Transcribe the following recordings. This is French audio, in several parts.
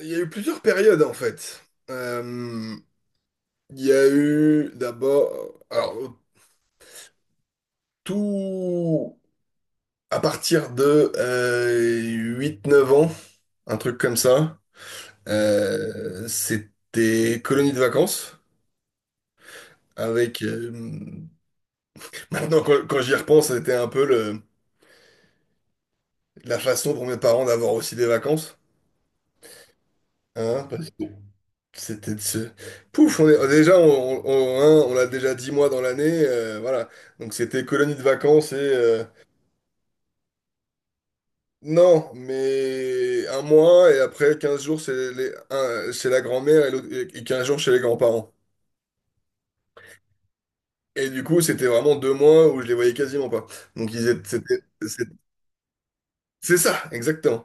Il y a eu plusieurs périodes en fait. Euh, il y a eu d'abord, alors tout à partir de huit neuf ans, un truc comme ça, c'était colonie de vacances avec, maintenant quand j'y repense, c'était un peu la façon pour mes parents d'avoir aussi des vacances. Hein, parce que c'était de se... Pouf, on est, déjà, on hein, on l'a déjà 10 mois dans l'année, voilà. Donc c'était colonie de vacances Non, mais 1 mois et après 15 jours chez la grand-mère et 15 jours chez les grands-parents. Et du coup, c'était vraiment 2 mois où je les voyais quasiment pas. Donc, c'est c'est ça, exactement.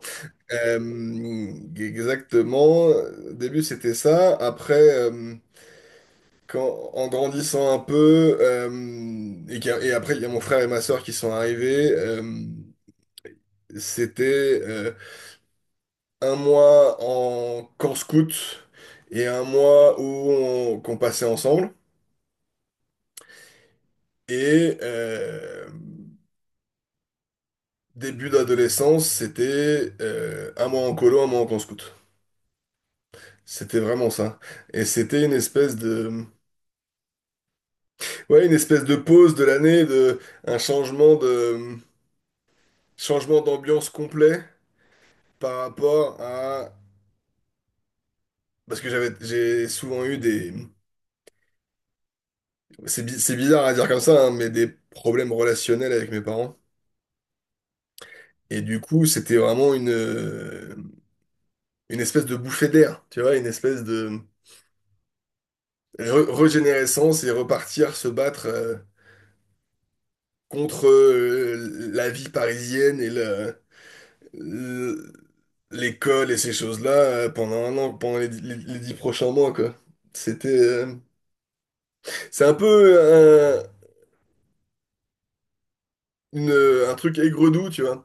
Euh, Exactement. Au début, c'était ça. Après, en grandissant un peu, et après, il y a mon frère et ma sœur qui sont arrivés, c'était. 1 mois en camp scout et 1 mois où qu'on passait ensemble. Et début d'adolescence, c'était un mois en colo, 1 mois en camp scout. C'était vraiment ça. Et c'était une espèce de, ouais, une espèce de pause de l'année, de un changement de, changement d'ambiance complet par rapport à, parce que j'ai souvent eu c'est bizarre à dire comme ça, hein, mais des problèmes relationnels avec mes parents. Et du coup, c'était vraiment une espèce de bouffée d'air, tu vois, une espèce de régénérescence et repartir se battre contre la vie parisienne et le- l'école et ces choses-là pendant 1 an, pendant les 10 prochains mois, quoi. C'était, euh, c'est un peu un, une- un truc aigre-doux, tu vois,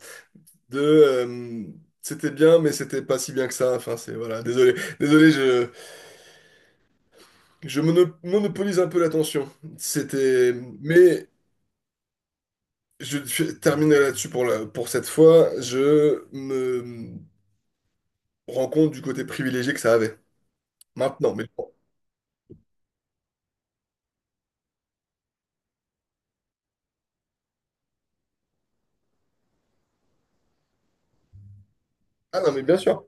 de c'était bien, mais c'était pas si bien que ça. Enfin, c'est voilà, désolé, je monopolise un peu l'attention. C'était, mais je terminerai là-dessus pour cette fois. Je me rends compte du côté privilégié que ça avait. Maintenant, mais bon. Ah non, mais bien sûr.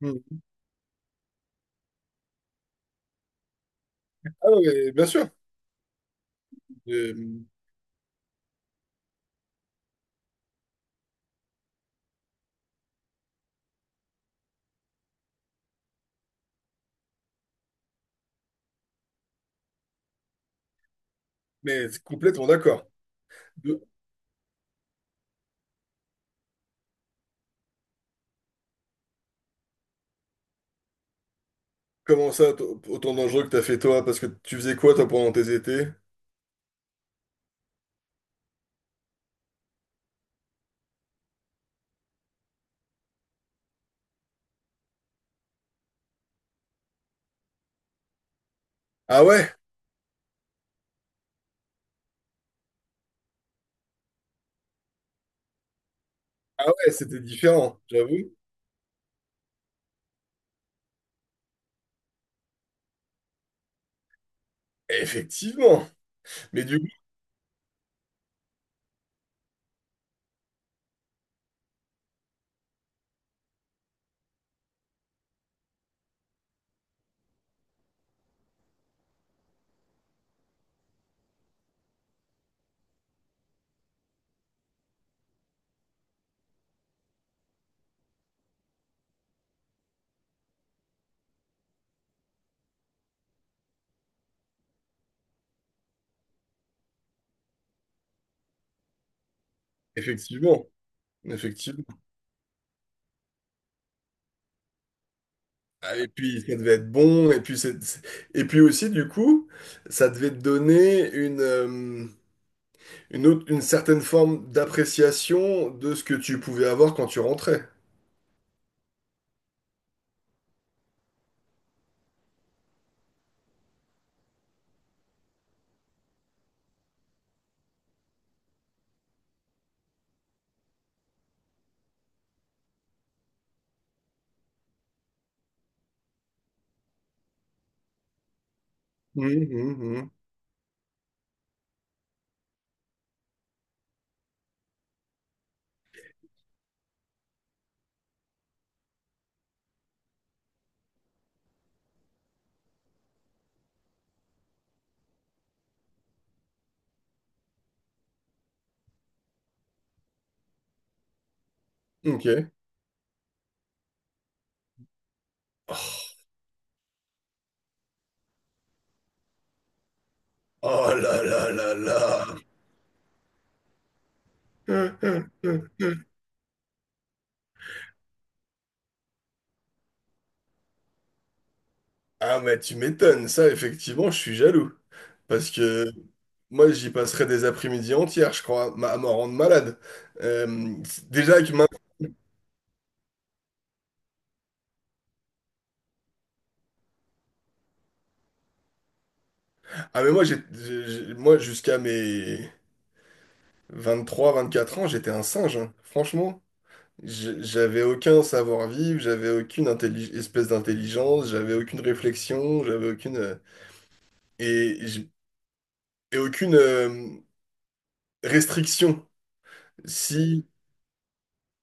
Hmm. Ah non, mais bien sûr. Euh, mais c'est complètement d'accord. De- Comment ça, autant dangereux que t'as fait toi, parce que tu faisais quoi toi pendant tes étés? Ah ouais, ah ouais, c'était différent, j'avoue. Effectivement. Mais du coup, effectivement, effectivement. Ah, et puis ça devait être bon, et puis et puis aussi du coup, ça devait te donner une certaine forme d'appréciation de ce que tu pouvais avoir quand tu rentrais. Mhm, mhm. Ok. Oh oh là là là là. Ah mais tu m'étonnes, ça effectivement, je suis jaloux. Parce que moi j'y passerais des après-midi entières, je crois, à m'en rendre malade. Euh, déjà que ma- Ah mais moi moi jusqu'à mes vingt-trois vingt-quatre ans, j'étais un singe, hein. Franchement. J'avais aucun savoir-vivre, j'avais aucune espèce d'intelligence, j'avais aucune réflexion, j'avais et, j- aucune restriction. Si,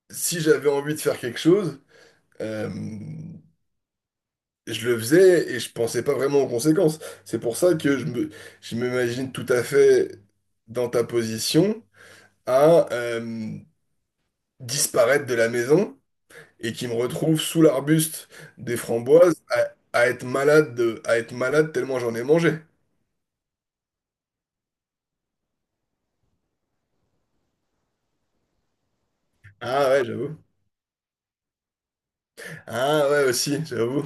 si j'avais envie de faire quelque chose, euh, je le faisais et je pensais pas vraiment aux conséquences. C'est pour ça que je m'imagine tout à fait dans ta position à disparaître de la maison et qui me retrouve sous l'arbuste des framboises à être à être malade tellement j'en ai mangé. Ah ouais, j'avoue. Ah ouais aussi, j'avoue.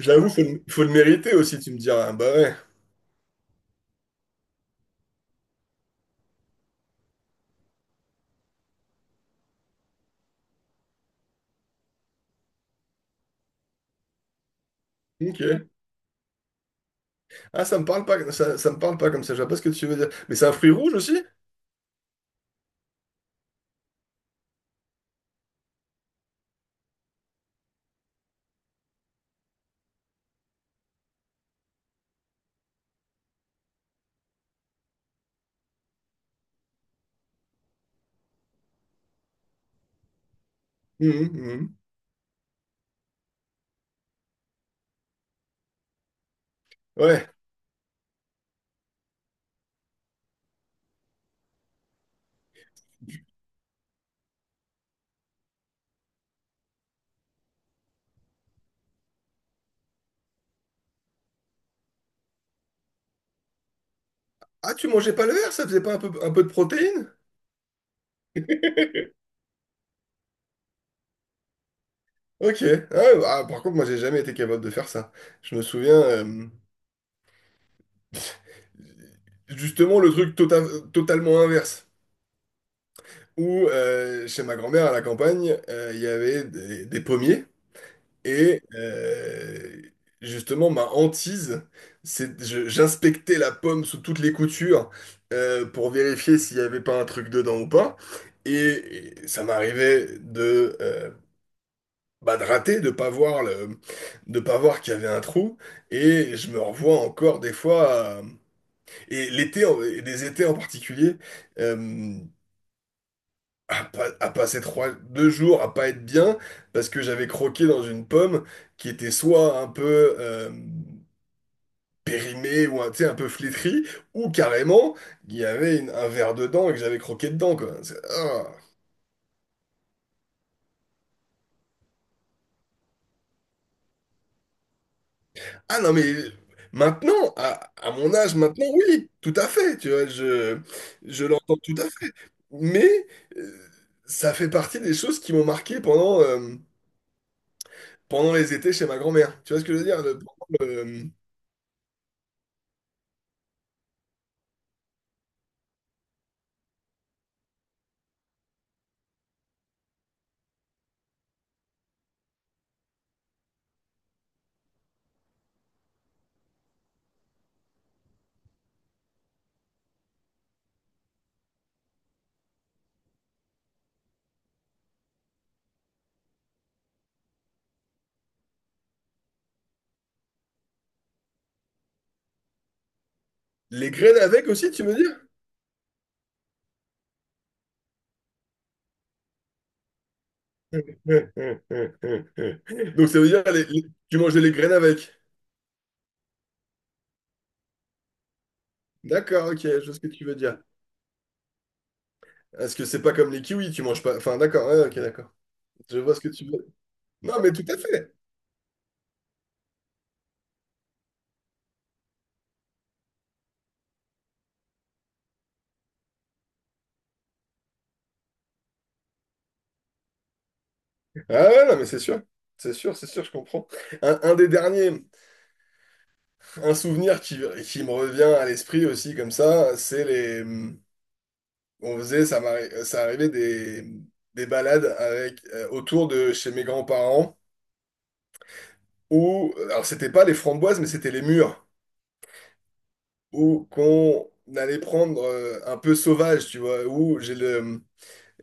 J'avoue, faut le mériter aussi, tu me diras. Bah ouais. Ok. Ah, ça me parle pas, comme ça, je vois pas ce que tu veux dire. Mais c'est un fruit rouge aussi? Mhm, mhm. Ouais. Ah, tu mangeais pas le verre, ça faisait pas un peu de protéines? Ok. Ah, ah, par contre, moi, j'ai jamais été capable de faire ça. Je me souviens, justement, le truc totalement inverse. Où chez ma grand-mère à la campagne, il y avait des pommiers et justement ma hantise, j'inspectais la pomme sous toutes les coutures pour vérifier s'il n'y avait pas un truc dedans ou pas. Et, et ça m'arrivait de bah, de rater, de pas voir qu'il y avait un trou. Et je me revois encore des fois. Et l'été, et des étés en particulier. Euh, à, pas- À passer trois, deux jours à pas être bien parce que j'avais croqué dans une pomme qui était soit un peu périmée ou tu sais, un peu flétrie ou carrément il y avait un verre dedans et que j'avais croqué dedans quoi. Ah. Ah non mais maintenant à mon âge maintenant oui tout à fait tu vois je l'entends tout à fait mais euh, ça fait partie des choses qui m'ont marqué pendant les étés chez ma grand-mère tu vois ce que je veux dire. Le- Les graines avec aussi, tu veux dire? Donc ça veut dire tu manges les graines avec. D'accord, ok, je vois ce que tu veux dire. Est-ce que c'est pas comme les kiwis, tu manges pas. Enfin, d'accord, ouais, ok, d'accord. Je vois ce que tu veux. Non, mais tout à fait. Ah ouais, ouais, non, mais c'est sûr. C'est sûr, c'est sûr, je comprends. Un un souvenir qui me revient à l'esprit aussi, comme ça, c'est les. Ça ça arrivait des balades autour de chez mes grands-parents. Où, alors c'était pas les framboises, mais c'était les mûres, où qu'on allait prendre un peu sauvage, tu vois, où j'ai le,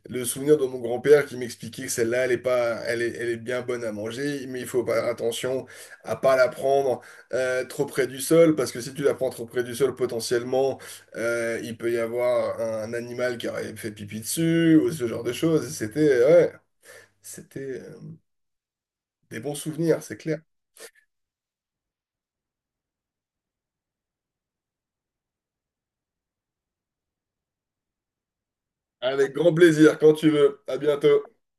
le souvenir de mon grand-père qui m'expliquait que celle-là, elle est pas, elle est bien bonne à manger, mais il faut faire attention à pas la prendre trop près du sol, parce que si tu la prends trop près du sol, potentiellement, il peut y avoir un animal qui aurait fait pipi dessus, ou ce genre de choses. Et ouais, c'était des bons souvenirs, c'est clair. Avec grand plaisir, quand tu veux. À bientôt.